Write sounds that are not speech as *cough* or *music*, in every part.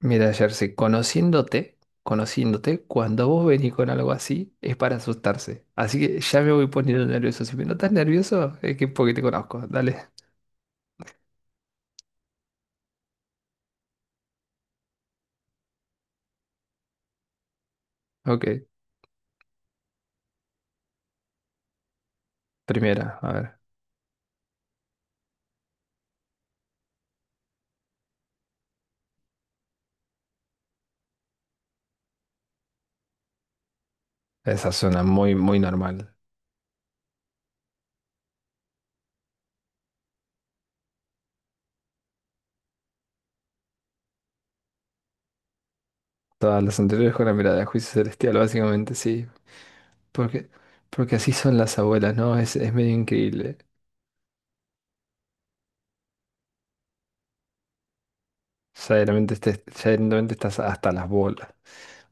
Mira, Jersey, conociéndote, cuando vos venís con algo así, es para asustarse. Así que ya me voy poniendo nervioso. Si me notas nervioso, es que es porque te conozco. Dale. Ok. Primera, a ver. Esa suena muy normal. Todas las anteriores con la mirada de juicio celestial, básicamente, sí. Porque, porque así son las abuelas, ¿no? Es medio increíble. Ya directamente, ya directamente estás hasta las bolas.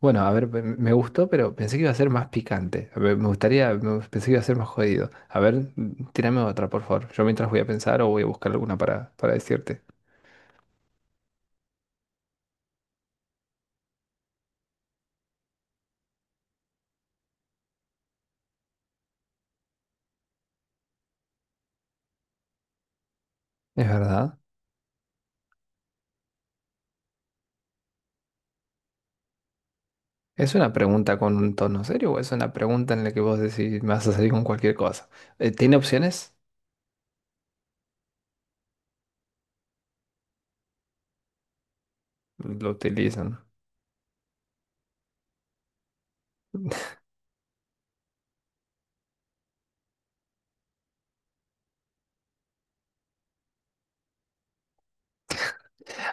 Bueno, a ver, me gustó, pero pensé que iba a ser más picante. A ver, me gustaría, pensé que iba a ser más jodido. A ver, tírame otra, por favor. Yo mientras voy a pensar o voy a buscar alguna para decirte. ¿Es verdad? ¿Es una pregunta con un tono serio o es una pregunta en la que vos decís, me vas a salir con cualquier cosa? ¿Tiene opciones? Lo utilizan.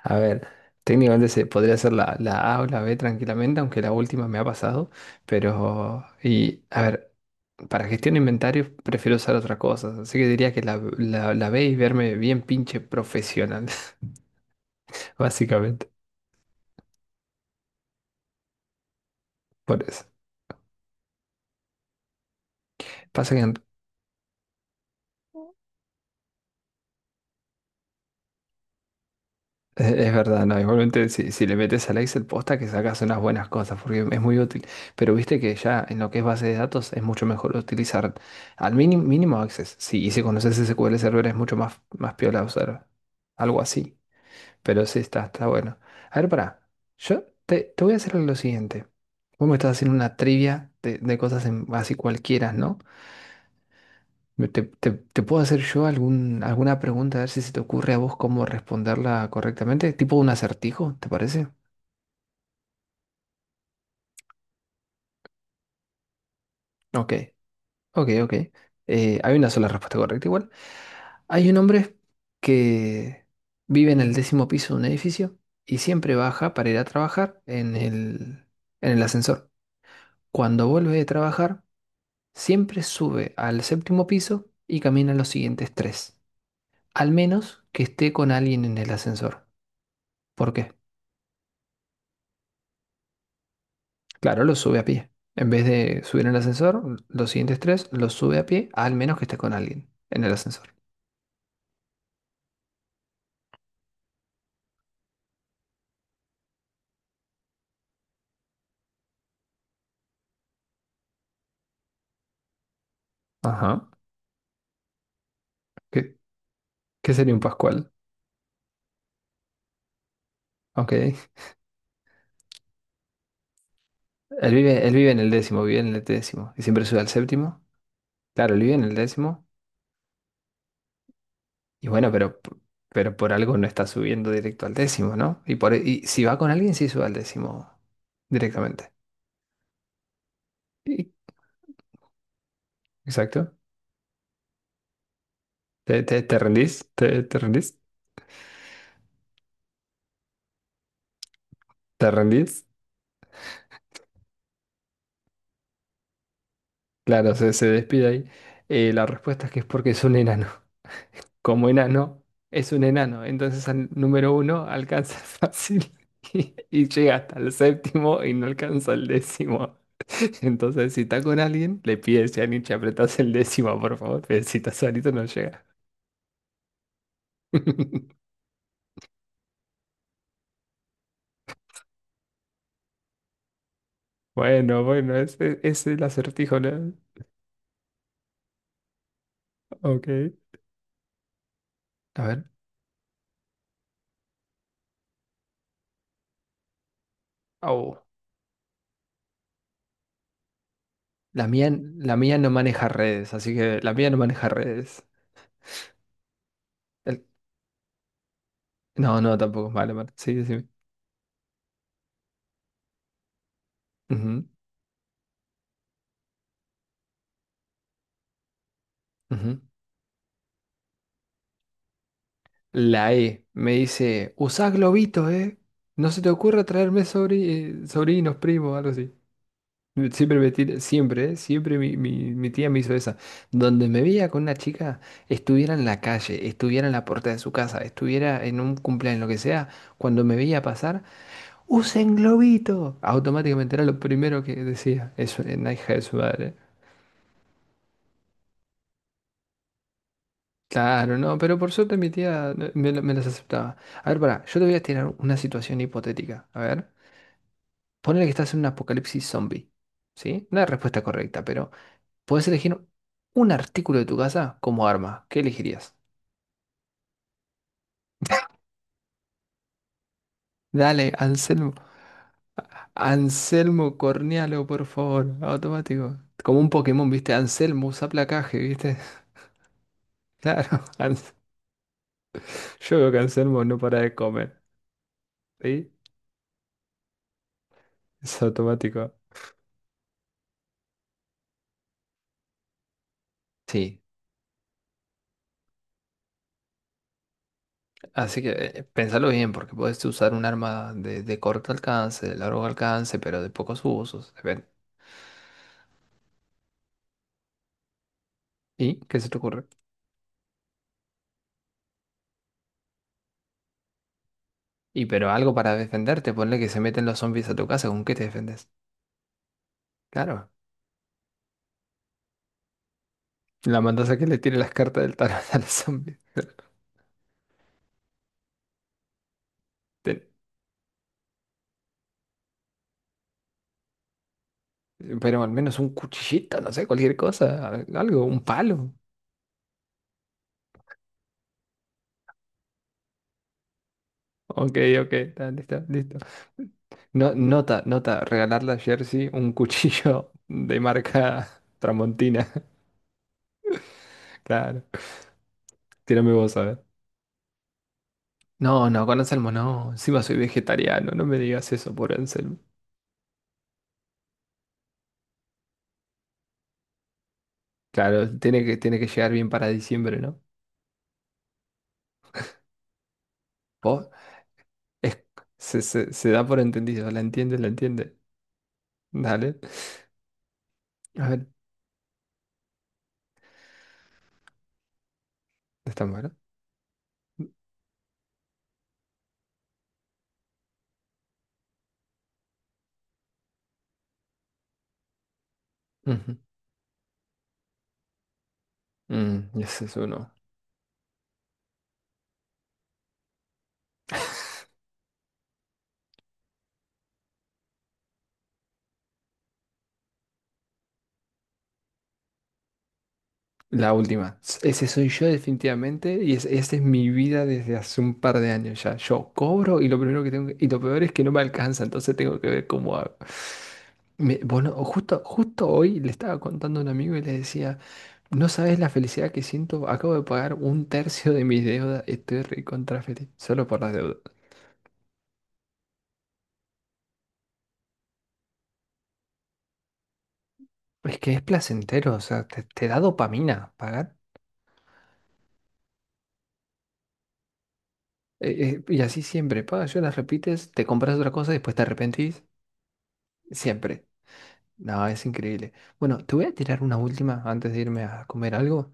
A ver, técnicamente se podría ser la A o la B tranquilamente, aunque la última me ha pasado. A ver, para gestión de inventarios prefiero usar otra cosa, así que diría que la ve y verme bien pinche profesional, *laughs* básicamente, por eso. Pasa que es verdad, ¿no? Igualmente si le metes al Excel posta que sacas unas buenas cosas, porque es muy útil, pero viste que ya en lo que es base de datos es mucho mejor utilizar al mínimo, mínimo Access, sí, y si conoces SQL Server es mucho más piola usar algo así. Pero sí, está bueno. A ver, pará. Yo te voy a hacer lo siguiente. Vos me estás haciendo una trivia de cosas así cualquiera, ¿no? Te puedo hacer yo algún, alguna pregunta, a ver si se te ocurre a vos cómo responderla correctamente. Tipo un acertijo, ¿te parece? Ok, ok. Hay una sola respuesta correcta igual. Hay un hombre que vive en el décimo piso de un edificio y siempre baja para ir a trabajar en el ascensor. Cuando vuelve de trabajar siempre sube al séptimo piso y camina los siguientes tres, al menos que esté con alguien en el ascensor. ¿Por qué? Claro, lo sube a pie. En vez de subir en el ascensor, los siguientes tres los sube a pie, al menos que esté con alguien en el ascensor. Ajá. ¿Qué, qué sería un Pascual? Ok. Él vive en el décimo, vive en el décimo. Y siempre sube al séptimo. Claro, él vive en el décimo. Y bueno, pero por algo no está subiendo directo al décimo, ¿no? Y si va con alguien, sí sube al décimo directamente. ¿Y exacto. Te rendís? Te rendís? ¿Te rendís? Claro, se despide ahí. La respuesta es que es porque es un enano. *laughs* Como enano, es un enano. Entonces al número uno alcanza *laughs* fácil y llega hasta el séptimo y no alcanza el décimo. *laughs* Entonces, si está con alguien, le pides, Yanich, apretás el décimo, por favor. Pero si estás solito, no llega. *laughs* Bueno, bueno, ese es el acertijo, ¿no? Ok. A ver. Au. La mía, la mía no maneja redes, así que la mía no maneja redes. El- no, no, tampoco. Vale, vale. Sí, decime. Ujú, ujú. La E me dice, usá globitos, ¿eh? No se te ocurra traerme sobrinos, primos, algo así. Siempre, ¿eh? Siempre mi tía me hizo esa. Donde me veía con una chica, estuviera en la calle, estuviera en la puerta de su casa, estuviera en un cumpleaños, lo que sea, cuando me veía pasar. Usen globito. Automáticamente era lo primero que decía. Es una hija de su madre. Claro, no, pero por suerte mi tía me las aceptaba. A ver, pará, yo te voy a tirar una situación hipotética. A ver, ponele que estás en un apocalipsis zombie. ¿Sí? No hay respuesta correcta, pero puedes elegir un artículo de tu casa como arma. ¿Qué elegirías? Dale, Anselmo. Anselmo Cornialo, por favor. Automático. Como un Pokémon, ¿viste? Anselmo usa placaje, ¿viste? *laughs* Claro. Anselmo. Yo veo que Anselmo no para de comer, ¿sí? Es automático. Sí, así que pensalo bien, porque puedes usar un arma de corto alcance, de largo alcance, pero de pocos usos. Depende. ¿Y qué se te ocurre? Y pero algo para defenderte, ponle que se meten los zombies a tu casa, ¿con qué te defendes? Claro, la mandas a que le tire las cartas del tarot *laughs* a los zombies. Ten- Pero al menos un cuchillito, no sé, cualquier cosa, algo, un palo. Ok, ok, está, listo, listo. No, nota, nota, regalarle a Jersey un *laughs* cuchillo de marca Tramontina, claro. Tírame vos a ver. No, no, con Anselmo no. Encima soy vegetariano, no me digas eso por Anselmo. Claro, tiene que llegar bien para diciembre, ¿no? Vos, es- se da por entendido, la entiende, la entiende. Dale. A ver, está bueno. Ujú. Mm, ese es uno. La última. Ese soy yo definitivamente y es, esa es mi vida desde hace un par de años ya. Yo cobro y lo primero que y lo peor es que no me alcanza, entonces tengo que ver cómo hago. Justo, justo hoy le estaba contando a un amigo y le decía, no sabes la felicidad que siento, acabo de pagar un tercio de mis deudas, estoy recontra feliz, solo por las deudas. Es que es placentero, o sea, te da dopamina pagar. Y así siempre, pagas, yo las repites, te compras otra cosa y después te arrepentís, siempre. No, es increíble. Bueno, te voy a tirar una última antes de irme a comer algo.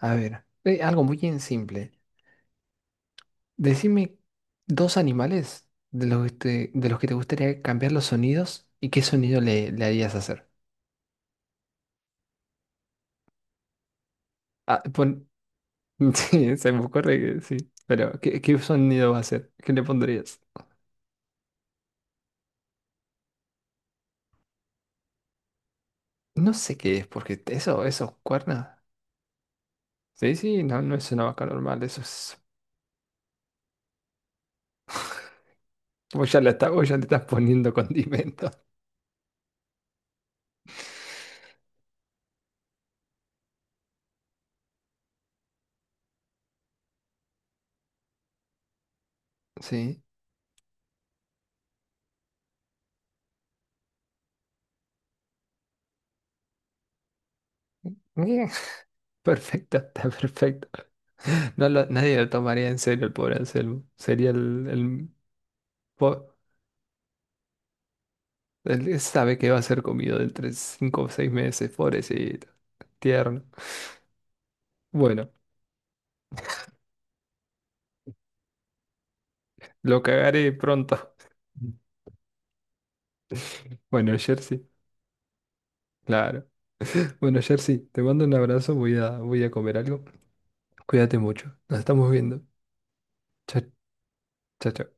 A ver, algo muy bien simple. Decime dos animales de los que de los que te gustaría cambiar los sonidos y qué sonido le harías hacer. Ah, pon... *laughs* Sí, se me ocurre que sí. Pero, ¿qué sonido va a hacer? ¿Qué le pondrías? No sé qué es, porque eso, cuerna. Sí, sí, no, no es una vaca normal, eso es... Vos ya le estás, vos ya le estás poniendo condimentos. *laughs* Sí. Perfecto, *laughs* está perfecto. Nadie lo tomaría en serio el pobre Anselmo. Sería po- el que sabe que va a ser comido de entre 5 o 6 meses, pobrecito, tierno. Bueno, lo cagaré pronto. *laughs* Bueno, Jersey, claro. Bueno, Jersey, te mando un abrazo, voy a, voy a comer algo. Cuídate mucho. Nos estamos viendo. Chao, chao. Chao.